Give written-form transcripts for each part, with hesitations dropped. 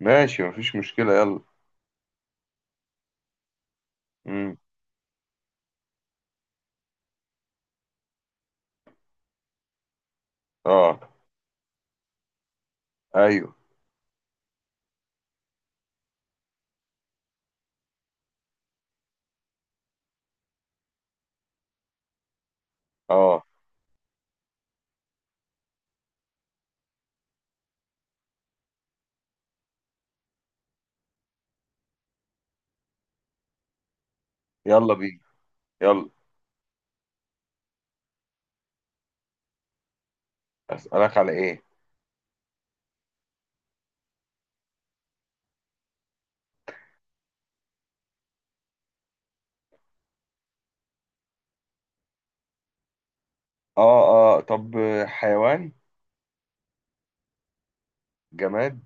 ماشي، مفيش مشكلة، يلا. امم. اه. ايوه. اه. يلا بينا. يلا. اسألك على ايه؟ اه. اه، طب حيوان. جماد.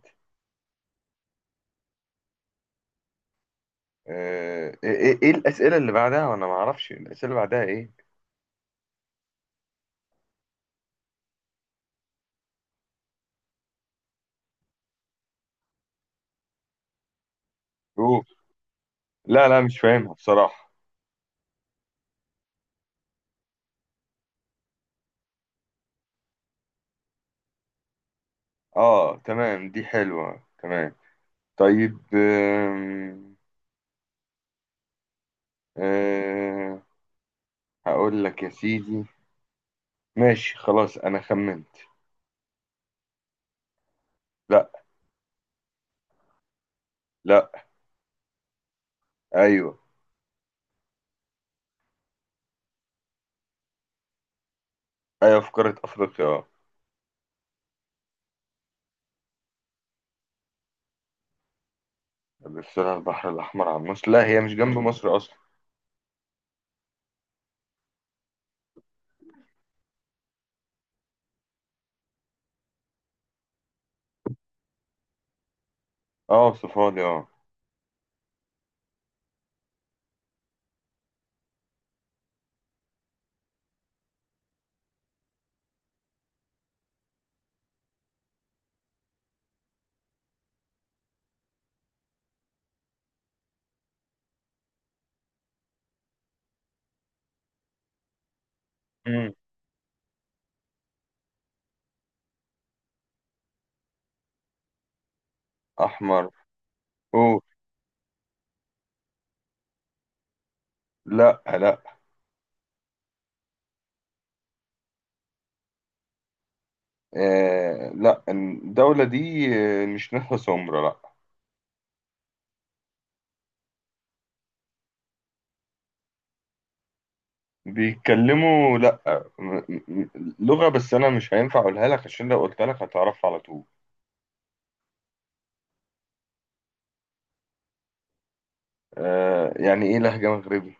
آه، ايه ايه إيه الأسئلة اللي بعدها، وانا ما اعرفش الأسئلة اللي بعدها ايه؟ اوه. لا، لا، مش فاهمها بصراحة. اه، تمام، دي حلوة، تمام. طيب. آه. هقول لك يا سيدي. ماشي، خلاص، انا خمنت. لا. لا. ايوه. ايوه، في قارة افريقيا، آه. بتسأل البحر الأحمر عن مصر؟ لا، هي مش جنب مصر أصلا. اه، صفالي، اه. امم. أحمر. أوه. لا، لا. آه، لا، الدولة دي. آه، مش ناسها سمرة، لا. بيتكلموا، لا. م- م- لغة، بس أنا مش هينفع أقولها لك، عشان لو قلت لك هتعرفها على طول. آه، يعني إيه لهجة مغربي؟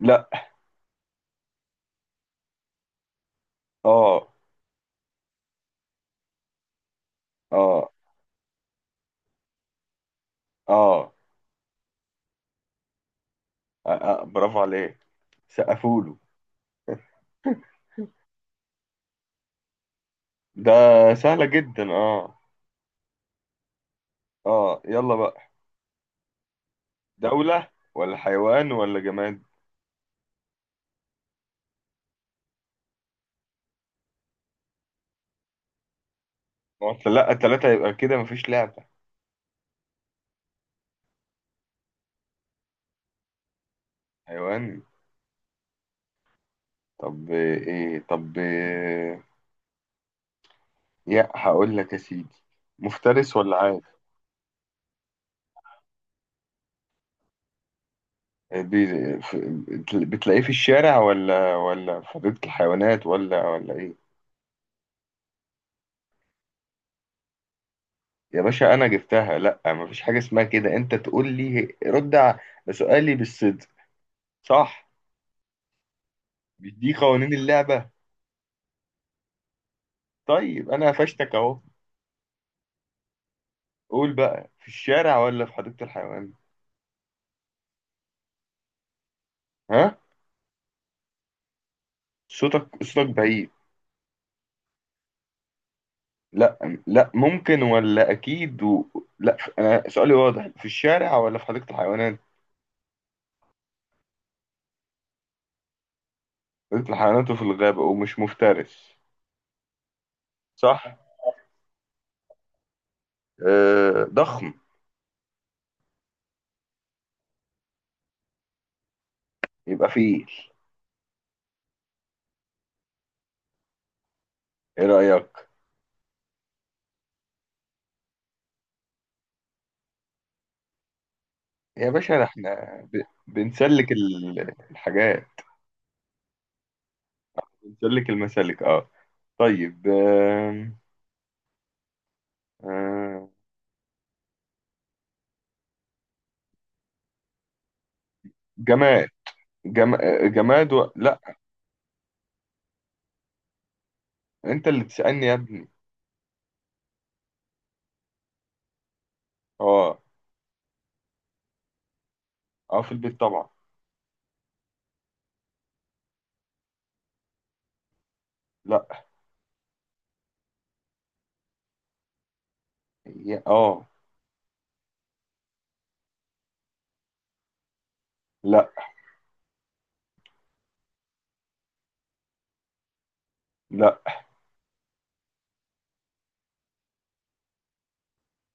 لا. اه. اه. اه. آه. آه، برافو عليك. سقفوله. ده. سهلة جدا، اه. اه، يلا بقى. دولة ولا حيوان ولا جماد؟ ما هو لا، التلاتة يبقى كده مفيش لعبة. حيوان. طب إيه؟ هقول لك يا سيدي. مفترس ولا عاد؟ بي- ف- بتلاقيه في الشارع، ولا في حديقة الحيوانات، ولا ايه؟ يا باشا، انا جبتها، لا، مفيش حاجة اسمها كده، انت تقول لي رد على سؤالي بالصدق. صح. مش دي قوانين اللعبة؟ طيب، انا قفشتك اهو. قول بقى، في الشارع ولا في حديقة الحيوان؟ ها؟ صوتك بعيد. لا. لا ممكن ولا اكيد لا، انا سؤالي واضح، في الشارع ولا في حديقة الحيوانات؟ حديقة الحيوانات وفي الغابة، ومش مفترس؟ صح. أه، ضخم؟ يبقى فيل. ايه رأيك؟ يا باشا، ده احنا بنسلك الحاجات. بنسلك المسالك، اه. طيب. آم، آم، جماد. جم... آه، جماد لا. انت اللي تسألني يا ابني. اه. اه، في البيت طبعا. لا. اه. لا. لا.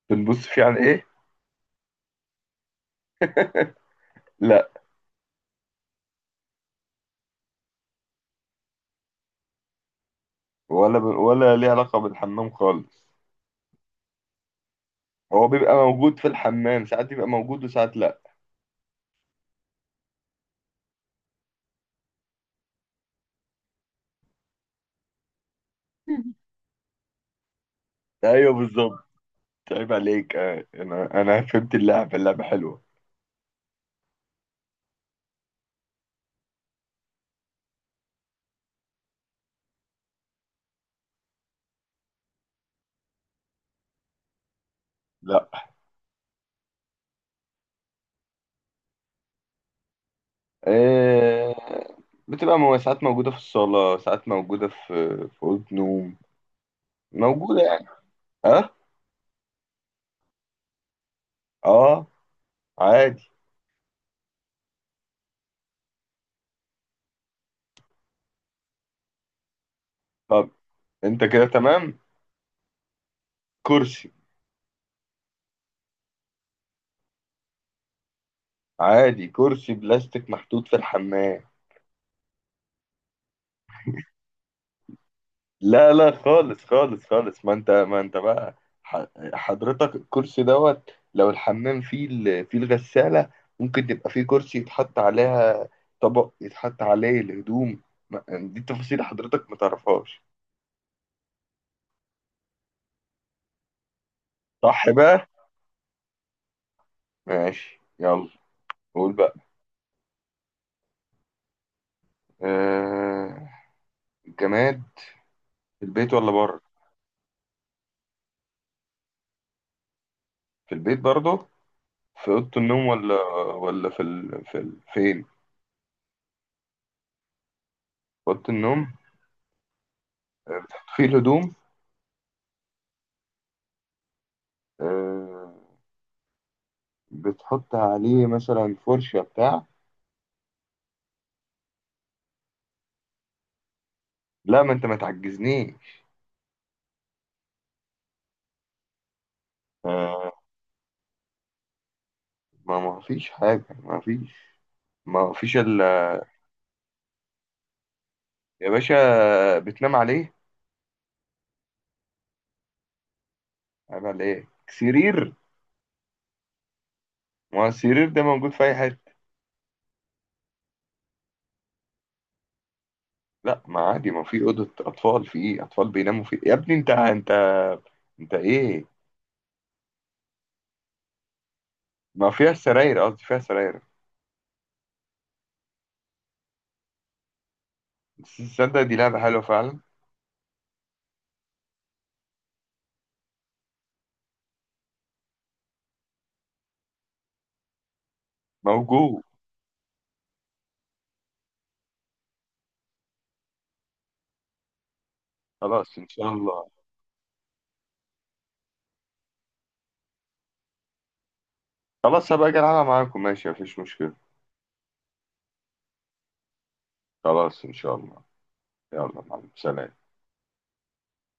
بنبص فيه عن ايه؟ لا. ولا ليه علاقه بالحمام خالص. هو بيبقى موجود في الحمام، ساعات بيبقى موجود وساعات لا. ايوه، بالظبط. عيب عليك، انا فهمت اللعبه، اللعبه حلوه. لا. آه، بتبقى ساعات موجوده في الصاله، ساعات موجوده في اوضه نوم. موجوده يعني. اه. اه. عادي. طب انت كده تمام. كرسي. عادي، كرسي بلاستيك محطوط في الحمام. لا، لا، خالص خالص خالص، ما انت بقى. ح- حضرتك الكرسي دوت، لو الحمام فيه فيه الغسالة، ممكن تبقى فيه كرسي يتحط عليها، طبق يتحط عليه الهدوم. دي تفاصيل حضرتك ما تعرفهاش. صح بقى. ماشي، يلا. قول بقى. آه. جماد. في البيت ولا بره؟ في البيت برضه. في أوضة النوم ولا؟ ولا في ال... في ال... فين في أوضة النوم. في الهدوم؟ آه... بتحط عليه مثلا فرشة بتاع. لا، ما انت ما تعجزنيش. آه، ما فيش حاجة ما فيش. ما فيش يا باشا. بتنام عليه. عيب على ايه، سرير. ما هو السرير ده موجود في اي حتة. لا، ما عادي، ما في أوضة أطفال، في ايه، أطفال بيناموا في، يا ابني، انت. انت ايه؟ ما فيها سراير، قصدي فيها سراير. بس تصدق، دي لعبة حلوة فعلا. موجود. خلاص، ان شاء الله. خلاص، هبقى اجي العبها معاكم، ماشي، مفيش مشكلة. خلاص، ان شاء الله. يلا، مع السلامة.